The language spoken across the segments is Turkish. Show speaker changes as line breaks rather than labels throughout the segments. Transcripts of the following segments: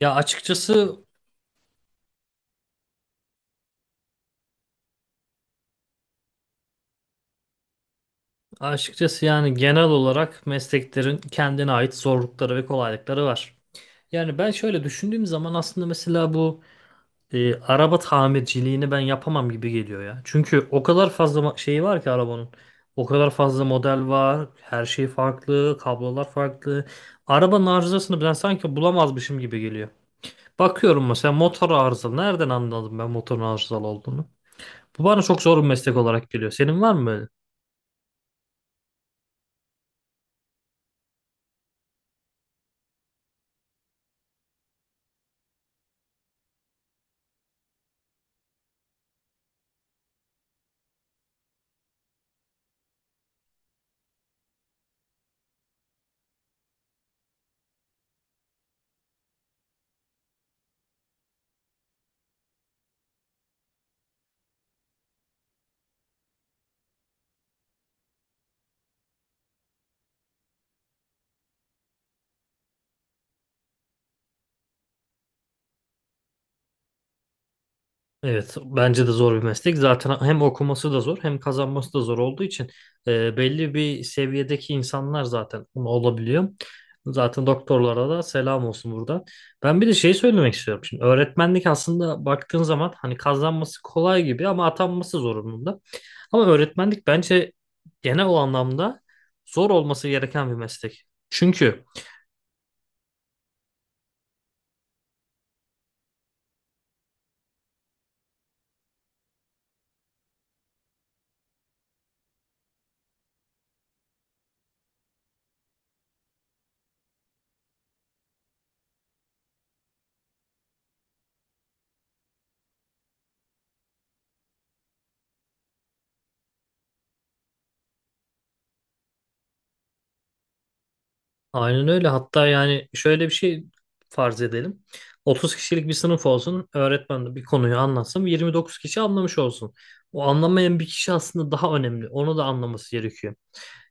Ya açıkçası açıkçası yani genel olarak mesleklerin kendine ait zorlukları ve kolaylıkları var. Yani ben şöyle düşündüğüm zaman aslında mesela bu araba tamirciliğini ben yapamam gibi geliyor ya. Çünkü o kadar fazla şeyi var ki arabanın. O kadar fazla model var. Her şey farklı. Kablolar farklı. Arabanın arızasını ben sanki bulamazmışım gibi geliyor. Bakıyorum mesela motor arızalı. Nereden anladım ben motorun arızalı olduğunu? Bu bana çok zor bir meslek olarak geliyor. Senin var mı böyle? Evet, bence de zor bir meslek. Zaten hem okuması da zor, hem kazanması da zor olduğu için belli bir seviyedeki insanlar zaten bunu olabiliyor. Zaten doktorlara da selam olsun buradan. Ben bir de şey söylemek istiyorum. Şimdi öğretmenlik aslında baktığın zaman hani kazanması kolay gibi ama atanması zorunlu. Ama öğretmenlik bence genel o anlamda zor olması gereken bir meslek. Çünkü aynen öyle. Hatta yani şöyle bir şey farz edelim. 30 kişilik bir sınıf olsun. Öğretmen de bir konuyu anlatsın. 29 kişi anlamış olsun. O anlamayan bir kişi aslında daha önemli. Onu da anlaması gerekiyor.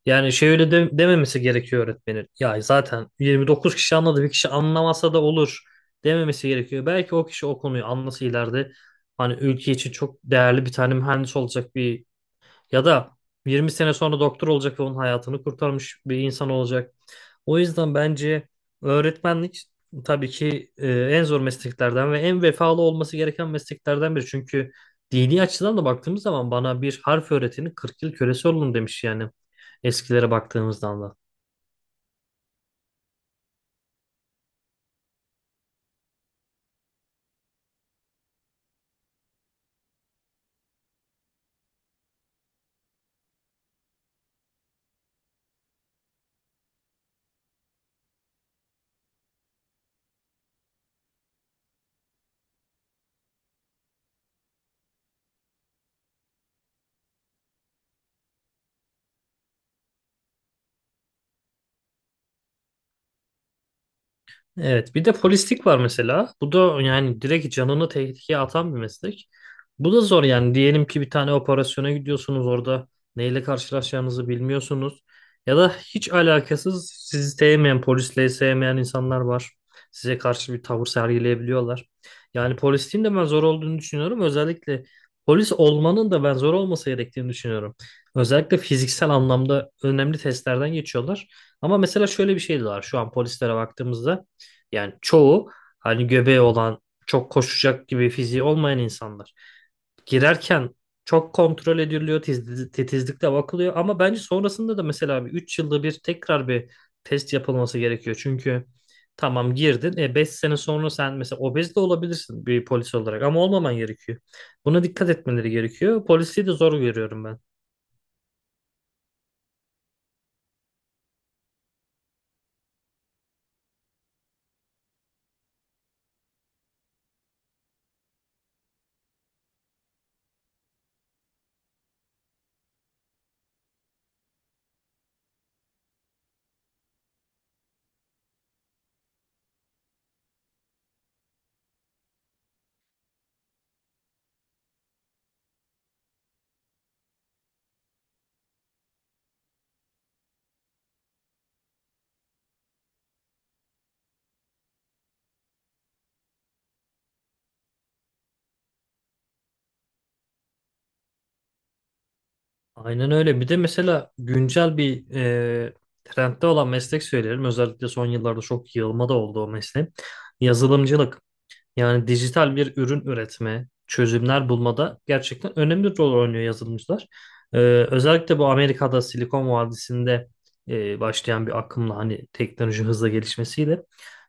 Yani şey dememesi gerekiyor öğretmenin. Ya zaten 29 kişi anladı. Bir kişi anlamasa da olur dememesi gerekiyor. Belki o kişi o konuyu anlasa ileride hani ülke için çok değerli bir tane mühendis olacak, bir ya da 20 sene sonra doktor olacak ve onun hayatını kurtarmış bir insan olacak. O yüzden bence öğretmenlik tabii ki en zor mesleklerden ve en vefalı olması gereken mesleklerden biri. Çünkü dini açıdan da baktığımız zaman bana bir harf öğretinin 40 yıl kölesi olun demiş yani eskilere baktığımızdan da. Evet, bir de polislik var mesela. Bu da yani direkt canını tehlikeye atan bir meslek. Bu da zor yani. Diyelim ki bir tane operasyona gidiyorsunuz, orada neyle karşılaşacağınızı bilmiyorsunuz. Ya da hiç alakasız sizi sevmeyen, polisle sevmeyen insanlar var. Size karşı bir tavır sergileyebiliyorlar. Yani polisliğin de ben zor olduğunu düşünüyorum. Özellikle polis olmanın da ben zor olması gerektiğini düşünüyorum. Özellikle fiziksel anlamda önemli testlerden geçiyorlar. Ama mesela şöyle bir şey de var şu an polislere baktığımızda. Yani çoğu hani göbeği olan, çok koşacak gibi fiziği olmayan insanlar. Girerken çok kontrol ediliyor, titizlikle bakılıyor ama bence sonrasında da mesela bir 3 yılda bir tekrar bir test yapılması gerekiyor. Çünkü tamam girdin, e 5 sene sonra sen mesela obez de olabilirsin bir polis olarak ama olmaman gerekiyor. Buna dikkat etmeleri gerekiyor. Polisi de zor görüyorum ben. Aynen öyle. Bir de mesela güncel bir trendde olan meslek söyleyelim. Özellikle son yıllarda çok yığılma da oldu o mesleğin. Yazılımcılık. Yani dijital bir ürün üretme, çözümler bulmada gerçekten önemli rol oynuyor yazılımcılar. E, Özellikle bu Amerika'da Silikon Vadisi'nde başlayan bir akımla hani teknoloji hızla gelişmesiyle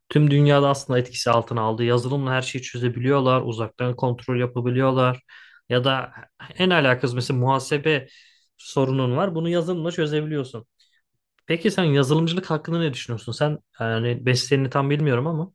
tüm dünyada aslında etkisi altına aldı. Yazılımla her şeyi çözebiliyorlar, uzaktan kontrol yapabiliyorlar. Ya da en alakasız mesela muhasebe sorunun var. Bunu yazılımla çözebiliyorsun. Peki sen yazılımcılık hakkında ne düşünüyorsun? Sen yani mesleğini tam bilmiyorum ama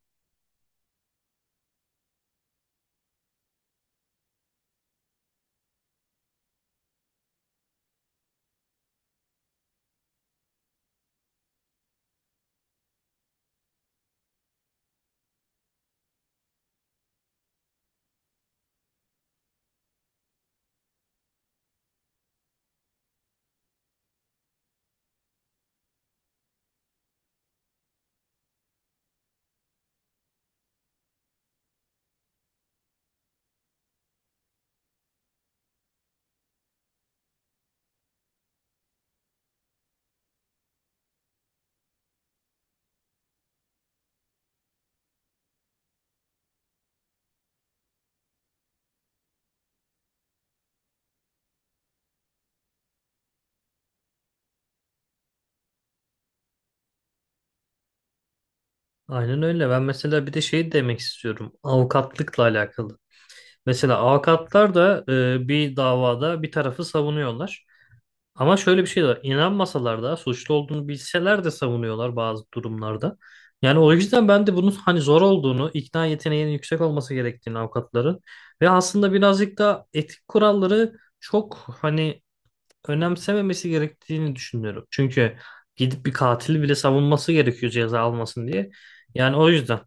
aynen öyle. Ben mesela bir de şey demek istiyorum. Avukatlıkla alakalı. Mesela avukatlar da bir davada bir tarafı savunuyorlar. Ama şöyle bir şey de var. İnanmasalar da suçlu olduğunu bilseler de savunuyorlar bazı durumlarda. Yani o yüzden ben de bunun hani zor olduğunu, ikna yeteneğinin yüksek olması gerektiğini avukatların ve aslında birazcık da etik kuralları çok hani önemsememesi gerektiğini düşünüyorum. Çünkü gidip bir katili bile savunması gerekiyor ceza almasın diye. Yani o yüzden.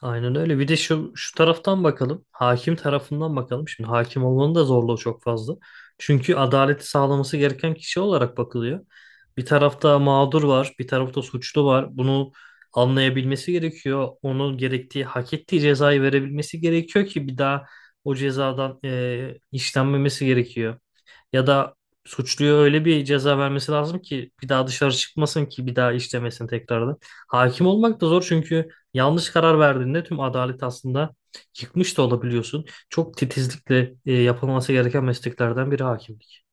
Aynen öyle. Bir de şu taraftan bakalım. Hakim tarafından bakalım. Şimdi hakim olmanın da zorluğu çok fazla. Çünkü adaleti sağlaması gereken kişi olarak bakılıyor. Bir tarafta mağdur var, bir tarafta suçlu var. Bunu anlayabilmesi gerekiyor. Onun gerektiği, hak ettiği cezayı verebilmesi gerekiyor ki bir daha o cezadan işlenmemesi gerekiyor. Ya da suçluya öyle bir ceza vermesi lazım ki bir daha dışarı çıkmasın, ki bir daha işlemesin tekrardan. Hakim olmak da zor, çünkü yanlış karar verdiğinde tüm adalet aslında yıkmış da olabiliyorsun. Çok titizlikle yapılması gereken mesleklerden biri hakimlik.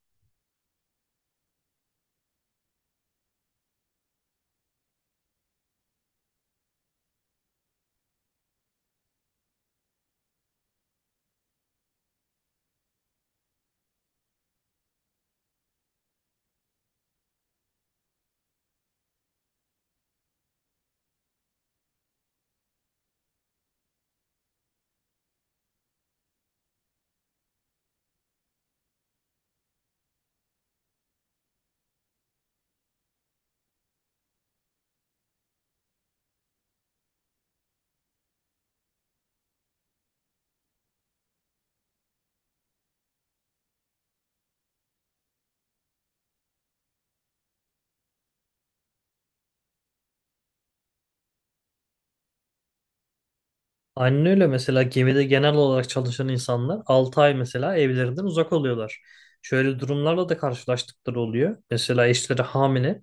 Aynen öyle, mesela gemide genel olarak çalışan insanlar 6 ay mesela evlerinden uzak oluyorlar. Şöyle durumlarla da karşılaştıkları oluyor. Mesela eşleri hamile.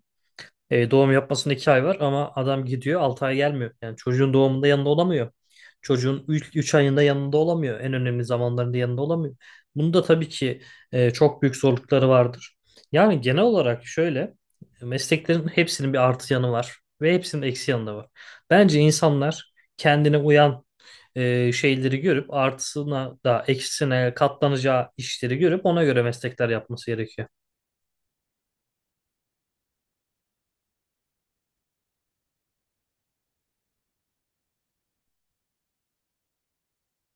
E, doğum yapmasında 2 ay var ama adam gidiyor 6 ay gelmiyor. Yani çocuğun doğumunda yanında olamıyor. Çocuğun 3 ayında yanında olamıyor. En önemli zamanlarında yanında olamıyor. Bunda tabii ki çok büyük zorlukları vardır. Yani genel olarak şöyle, mesleklerin hepsinin bir artı yanı var ve hepsinin eksi yanı da var. Bence insanlar kendine uyan şeyleri görüp artısına da eksisine katlanacağı işleri görüp ona göre meslekler yapması gerekiyor.